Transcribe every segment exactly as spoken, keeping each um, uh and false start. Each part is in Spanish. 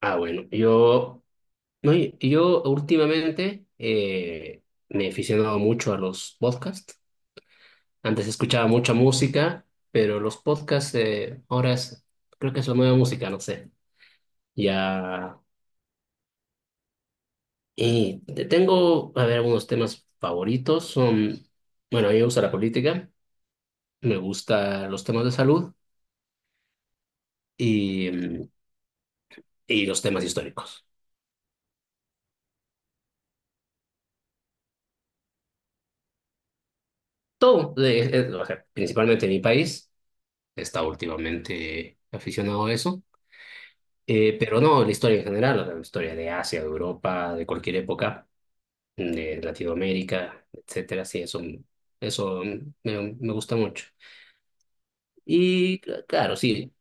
Ah, bueno, yo, no, y- yo últimamente eh, me he aficionado mucho a los podcasts. Antes escuchaba mucha música, pero los podcasts eh, ahora es- creo que es la nueva música, no sé. Ya, y te- tengo, a ver, algunos temas favoritos. Son, bueno, a mí me gusta la política, me gusta los temas de salud y, mm, y los temas históricos. Todo, de- eh, o sea, principalmente mi país, está últimamente aficionado a eso. Eh, pero no, la historia en general, la historia de Asia, de Europa, de cualquier época, de Latinoamérica, etcétera, sí, eso, eso mm, me, me gusta mucho. Y cl- claro, sí,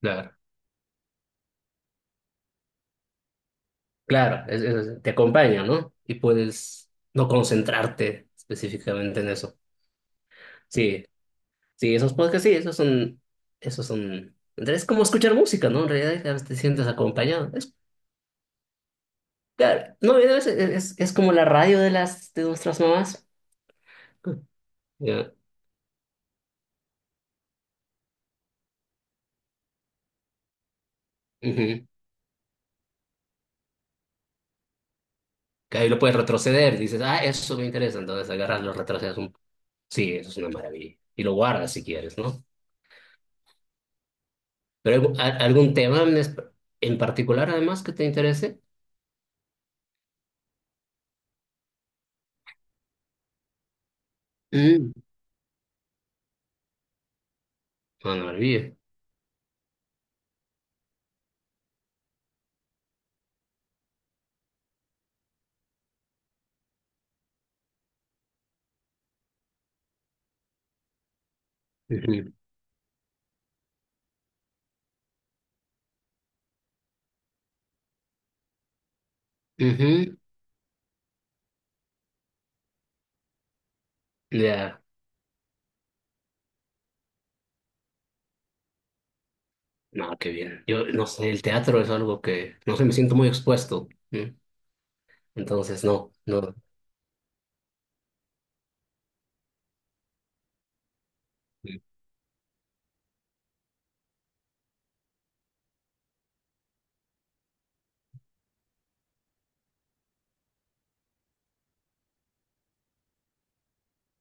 claro, claro, es- es- te acompaña, ¿no? Y puedes no concentrarte específicamente en eso. Sí, sí, esos podcasts, sí, esos son, esos son, es como escuchar música, ¿no? En realidad a veces te sientes acompañado. Es, claro, no, es, es, es como la radio de las, de nuestras mamás. Ya, ujú. Que ahí lo puedes retroceder, dices, ah, eso me interesa, entonces agarras, lo retrocedes un... Sí, eso es una maravilla. Y lo guardas si quieres, ¿no? Pero ¿al- algún tema en, es- en particular, además, que te interese? Mm. Una maravilla. Ujú. Ujú. Ya. No, qué bien. Yo no sé, el teatro es algo que, no sé, me siento muy expuesto. ¿Sí? Entonces, no, no. Mm.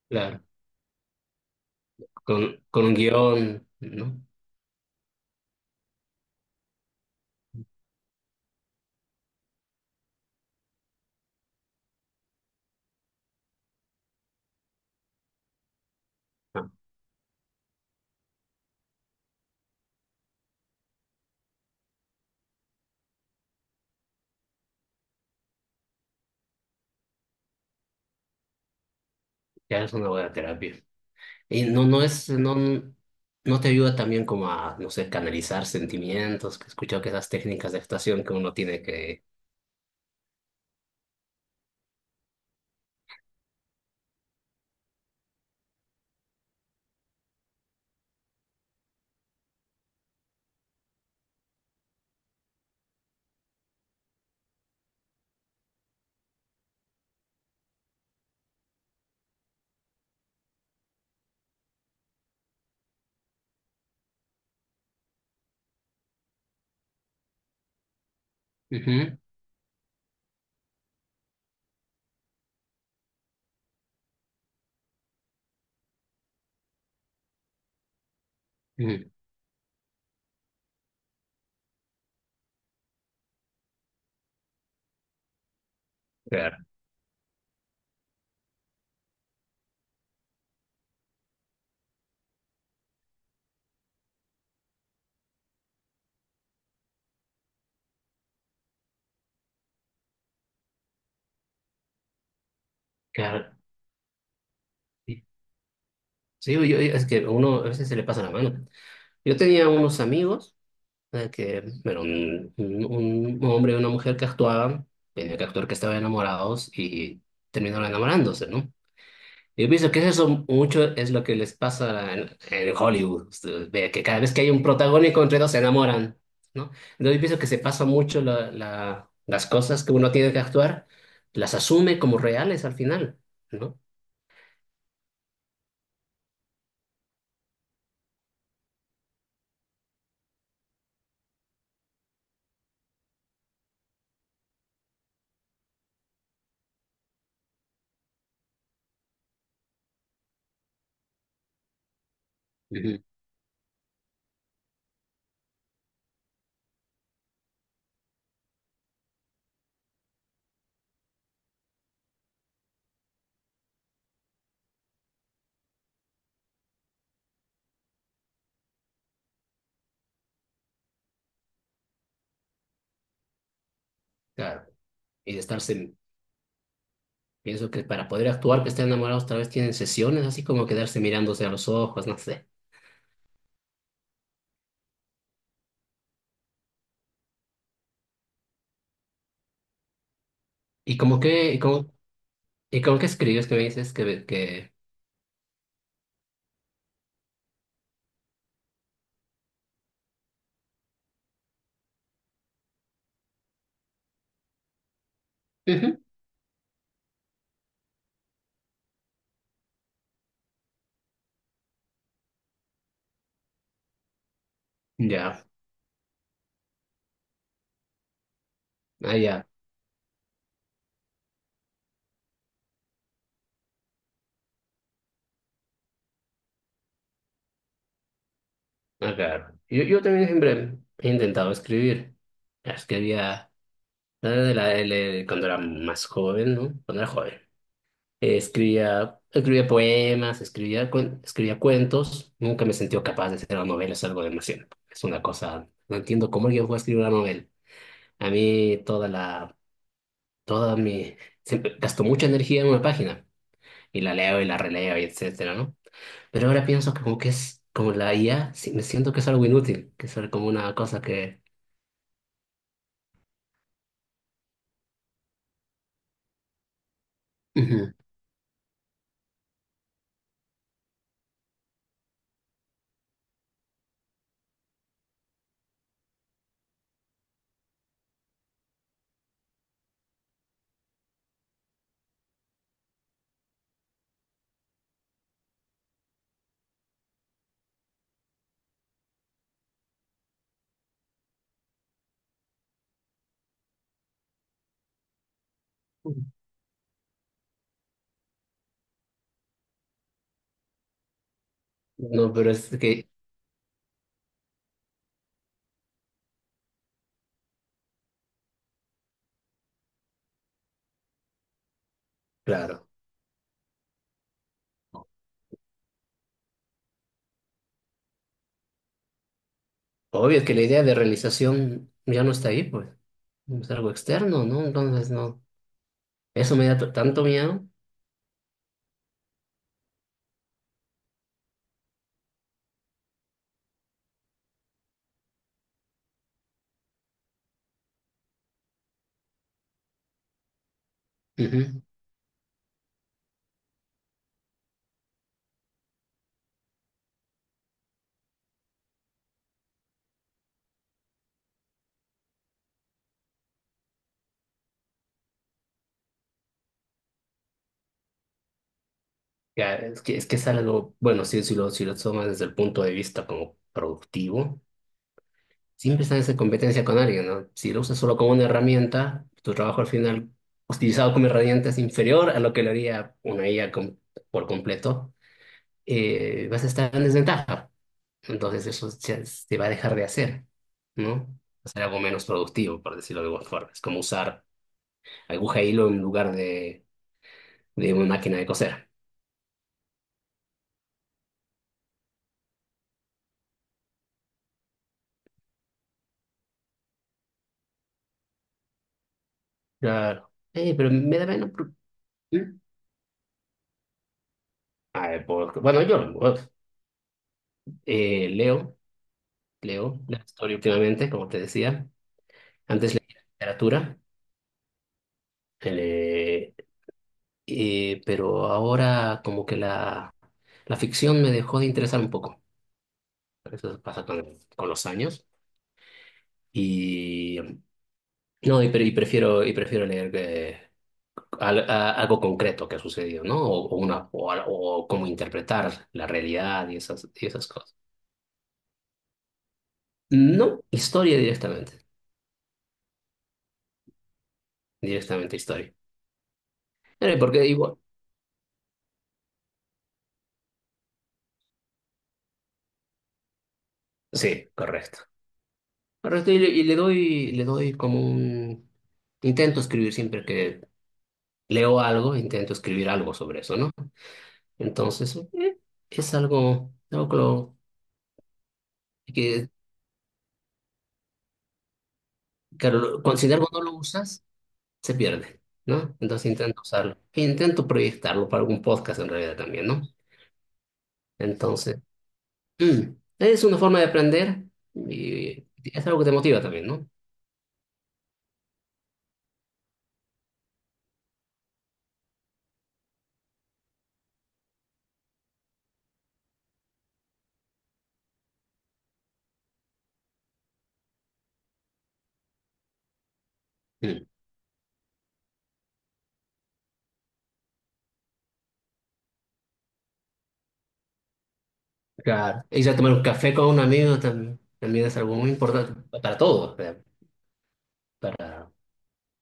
Claro, con, con un guión, ¿no? Ah, ya es una buena terapia. Y no, no es, no, no te ayuda también como a, no sé, canalizar sentimientos, que he escuchado que esas técnicas de actuación que uno tiene que... Ujú, ujú, claro, claro. Sí, sí, yo- yo- es que a uno a veces se le pasa la mano. Yo tenía unos amigos. Eh, que era un, un- un hombre y una mujer que actuaban, tenía que actuar que estaban enamorados y terminaron enamorándose, ¿no? Yo pienso que eso mucho es lo que les pasa en, en Hollywood. Ustedes ve que cada vez que hay un protagónico entre dos se enamoran, ¿no? Entonces yo pienso que se pasa mucho la, la- las cosas que uno tiene que actuar, las asume como reales al final, ¿no? Ujú. Claro, y de estarse, pienso que para poder actuar que estén enamorados, tal vez tienen sesiones, así como quedarse mirándose a los ojos, no sé. ¿Y cómo que, y cómo, y cómo que escribes que me dices que, que Ujú. Ya, ah, ya, ah, claro. Yo, yo también siempre he intentado escribir. Ya escribía la de la L cuando era más joven, ¿no? Cuando era joven. Eh, Escribía, escribía poemas, escribía, cuen- escribía cuentos. Nunca me sentí capaz de hacer una novela, es algo demasiado. Es una cosa, no entiendo cómo alguien puede escribir una novela. A mí toda la, toda mi, siempre gasto mucha energía en una página y la leo y la releo y etcétera, ¿no? Pero ahora pienso que como que es como la I A, sí, me siento que es algo inútil, que es como una cosa que... Ujú. No, pero es que, claro, obvio que la idea de realización ya no está ahí, pues. Es algo externo, ¿no? Entonces, no. Eso me da t- tanto miedo. Ujú. Ya, es que, es que es algo, bueno, sí, si lo, si lo tomas desde el punto de vista como productivo, siempre estás en competencia con alguien, ¿no? Si lo usas solo como una herramienta, tu trabajo al final, utilizado como herramienta, es inferior a lo que lo haría una I A com- por completo, eh, vas a estar en desventaja. Entonces eso se, se va a dejar de hacer, ¿no? Hacer algo menos productivo, por decirlo de alguna forma. Es como usar aguja e hilo en lugar de, de una máquina de coser. Claro. Eh, pero me da menos... pro- ¿Mm? A ver, por- bueno, yo eh, leo, leo la historia últimamente, como te decía. Antes leía literatura, eh, eh, pero ahora como que la, la ficción me dejó de interesar un poco. Eso pasa con, con los años. Y no, y, pre- y prefiero, y prefiero leer eh, al- a- algo concreto que ha sucedido, ¿no? O, o una, o, al- o cómo interpretar la realidad y esas, y esas cosas. No, historia directamente. Directamente historia. Eh, Porque igual. Sí, correcto. Correcto, y le, y le doy, le doy como un... Intento escribir siempre que leo algo, intento escribir algo sobre eso, ¿no? Entonces, eh, es algo, algo que, lo- que, claro, lo- considero cuando lo usas, se pierde, ¿no? Entonces intento usarlo. E intento proyectarlo para algún podcast en realidad también, ¿no? Entonces, mm, es una forma de aprender y es algo que te motiva también, ¿no? Mm, claro. Y ya tomar un café con un amigo también, también es algo muy importante para todo para,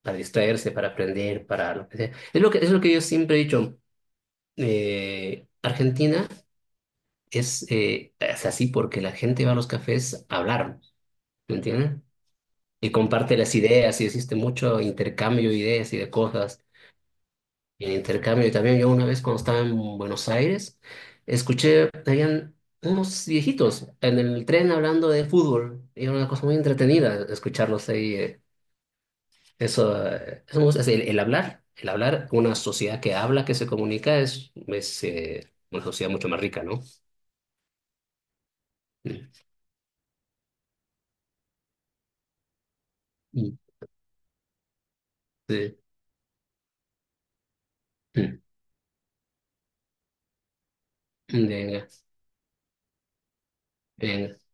para distraerse, para aprender, para lo que sea. Es lo que, es lo que yo siempre he dicho. eh, Argentina es, eh, es así porque la gente va a los cafés a hablar, ¿me entiendes? Y comparte las ideas y existe mucho intercambio de ideas y de cosas. Y el intercambio, y también yo una vez cuando estaba en Buenos Aires, escuché, habían unos viejitos en el tren hablando de fútbol. Y era una cosa muy entretenida escucharlos ahí. eh, Eso, eh, eso me gusta, es el, el hablar, el hablar, una sociedad que habla, que se comunica, es, es eh, una sociedad mucho más rica, ¿no? Mm. Mm. Sí. Mm. Mm, venga, venga.